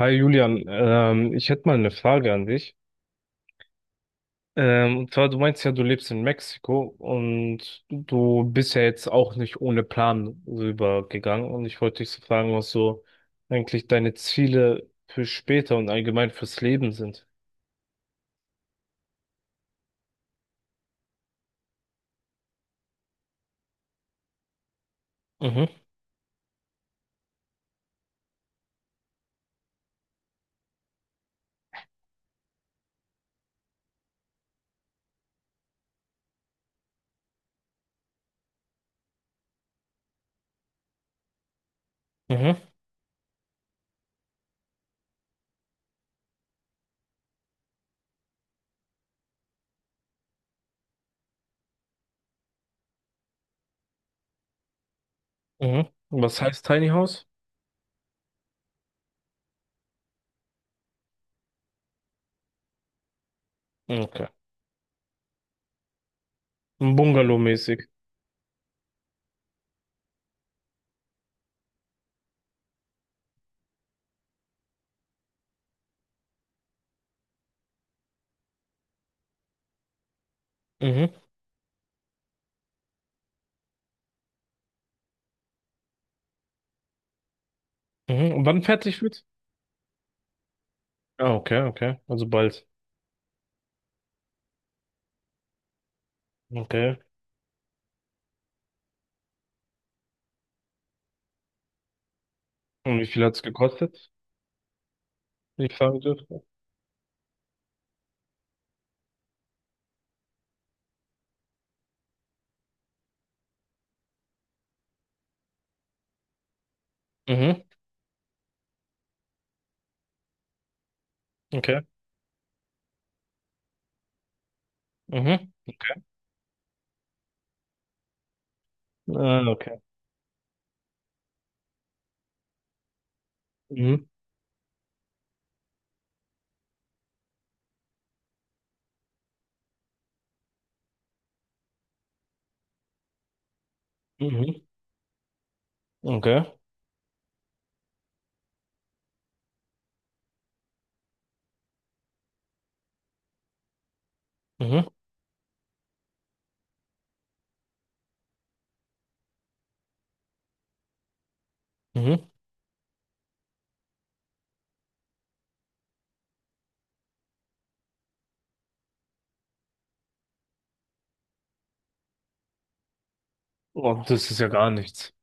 Hi Julian, ich hätte mal eine Frage an dich. Und zwar, du meinst ja, du lebst in Mexiko und du bist ja jetzt auch nicht ohne Plan rübergegangen. Und ich wollte dich so fragen, was so eigentlich deine Ziele für später und allgemein fürs Leben sind. Mhm, mhm, mhm. Und was heißt Tiny House? Okay. Bungalow-mäßig. Mhm, mhm. Und wann fertig wird? Ah, okay, okay. Also bald. Okay. Und wie viel hat's gekostet, wenn ich fragen dürfte. Mhm, okay. Mhm. Ah, okay. Mhm. Mhm. Okay. Mhm. Mhm. Oh, das ist ja gar nichts.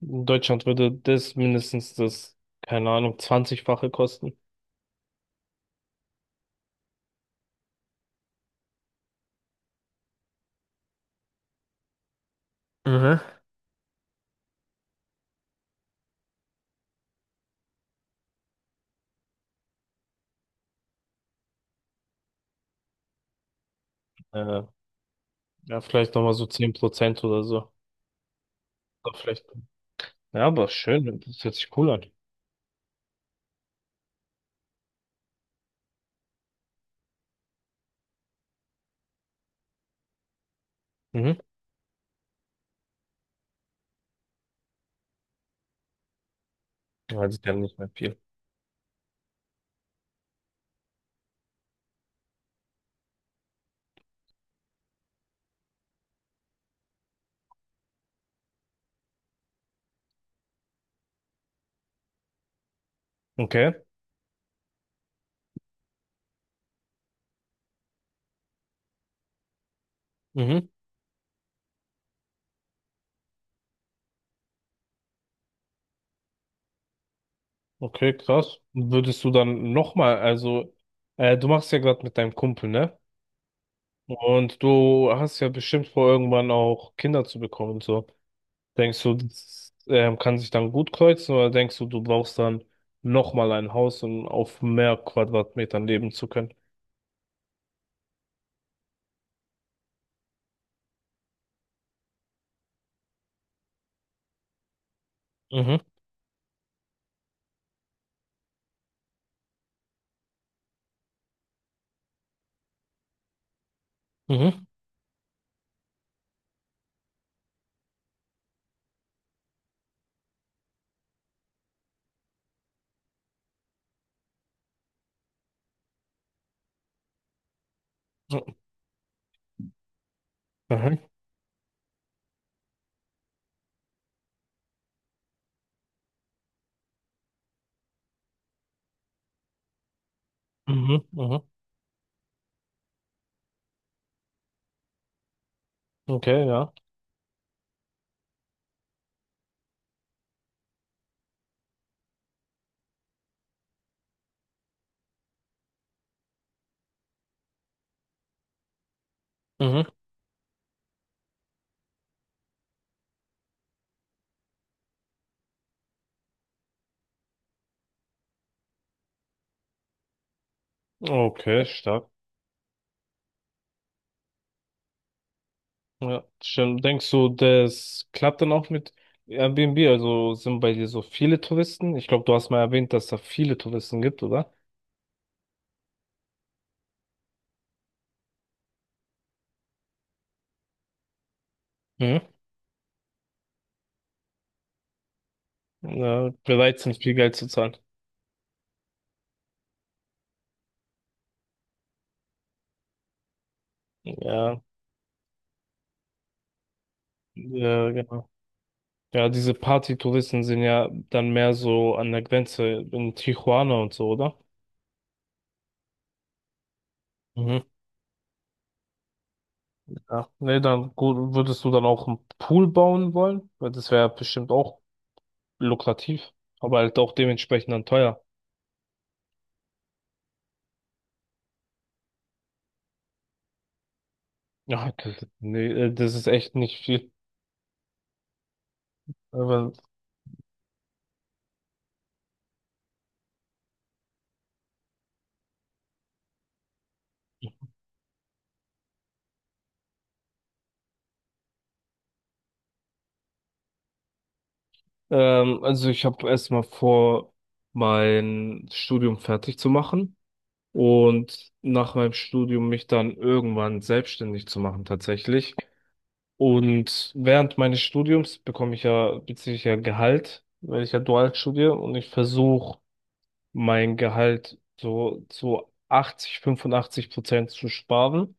In Deutschland würde das mindestens das, keine Ahnung, 20-fache kosten. Mhm. Äh, ja, vielleicht nochmal so 10% oder so. Oder vielleicht. Ja, aber schön, das hört sich cool an. Mhm. Ja, das ist ja nicht mehr viel. Okay. Mhm. Okay, krass. Würdest du dann nochmal, also, du machst ja gerade mit deinem Kumpel, ne? Und du hast ja bestimmt vor, irgendwann auch Kinder zu bekommen und so. Denkst du, das, kann sich dann gut kreuzen oder denkst du, du brauchst dann nochmal ein Haus, um auf mehr Quadratmetern leben zu können? Mhm, mhm, mhm, mhm, mhm, okay, ja, mhm. Okay, stark. Ja, stimmt. Denkst du, das klappt dann auch mit Airbnb? Also sind bei dir so viele Touristen? Ich glaube, du hast mal erwähnt, dass da viele Touristen gibt, oder? Mhm. Ja, bereit sind, viel Geld zu zahlen. Ja, ja, genau. Ja, diese Partytouristen sind ja dann mehr so an der Grenze in Tijuana und so, oder? Mhm. Ja. Nee, dann gut, würdest du dann auch einen Pool bauen wollen? Weil das wäre bestimmt auch lukrativ, aber halt auch dementsprechend dann teuer. Ja, nee, das ist echt nicht viel. Aber, also ich habe erstmal vor, mein Studium fertig zu machen und nach meinem Studium mich dann irgendwann selbstständig zu machen, tatsächlich. Und während meines Studiums bekomme ich ja, beziehe ich ja Gehalt, weil ich ja dual studiere und ich versuche mein Gehalt so zu 80, 85% zu sparen,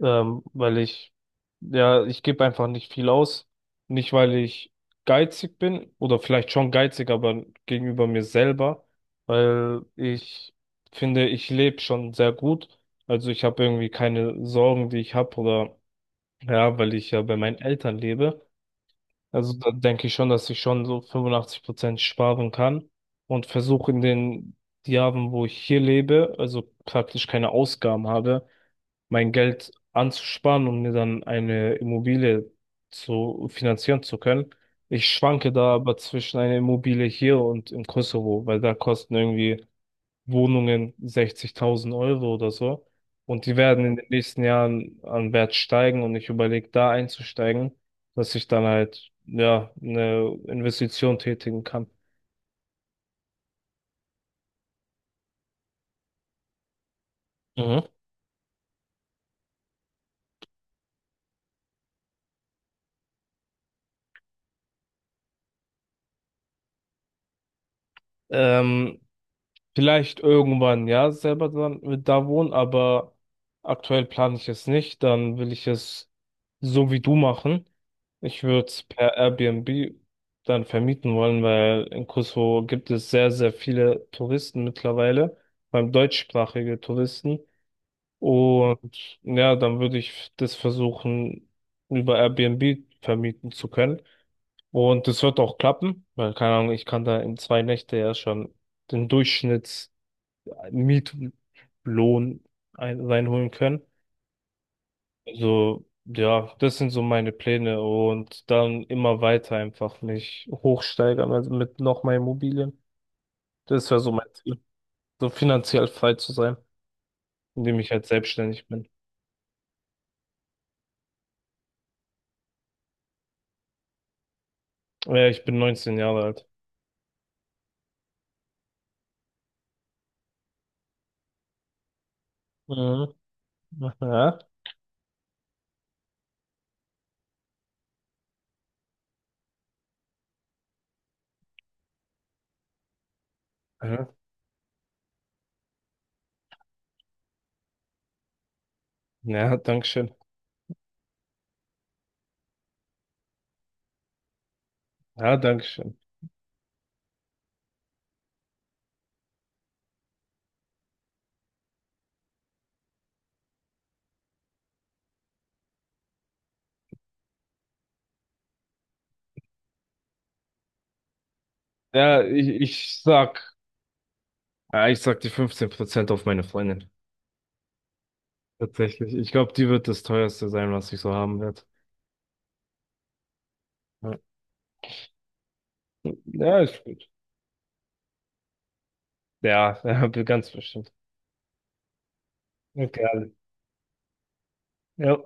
weil ich, ja, ich gebe einfach nicht viel aus. Nicht, weil ich geizig bin oder vielleicht schon geizig, aber gegenüber mir selber, weil ich finde, ich lebe schon sehr gut. Also ich habe irgendwie keine Sorgen, die ich habe oder ja, weil ich ja bei meinen Eltern lebe. Also da denke ich schon, dass ich schon so 85% sparen kann und versuche in den Jahren, wo ich hier lebe, also praktisch keine Ausgaben habe, mein Geld anzusparen und mir dann eine Immobilie zu finanzieren zu können. Ich schwanke da aber zwischen einer Immobilie hier und im Kosovo, weil da kosten irgendwie Wohnungen 60.000 Euro oder so. Und die werden in den nächsten Jahren an Wert steigen und ich überlege, da einzusteigen, dass ich dann halt, ja, eine Investition tätigen kann. Mhm. Ähm, Vielleicht irgendwann, ja, selber dann mit da wohnen, aber aktuell plane ich es nicht. Dann will ich es so wie du machen. Ich würde es per Airbnb dann vermieten wollen, weil in Kosovo gibt es sehr, sehr viele Touristen mittlerweile, vor allem deutschsprachige Touristen. Und ja, dann würde ich das versuchen, über Airbnb vermieten zu können. Und das wird auch klappen, weil, keine Ahnung, ich kann da in 2 Nächte ja schon den Durchschnitts Mietlohn ein, reinholen können. Also, ja, das sind so meine Pläne und dann immer weiter einfach mich hochsteigern, also mit noch mehr Immobilien. Das wäre so mein Ziel, so finanziell frei zu sein, indem ich halt selbstständig bin. Ja, ich bin 19 Jahre alt. Mhm. Ja, ja, ja, danke schön. Ja, danke schön. Ja, ich sag, ja, ich sag die 15% auf meine Freundin. Tatsächlich. Ich glaube, die wird das teuerste sein, was ich so haben werde. Ja. Ja, ist gut. Ja, ganz bestimmt. Okay, alles. Ja.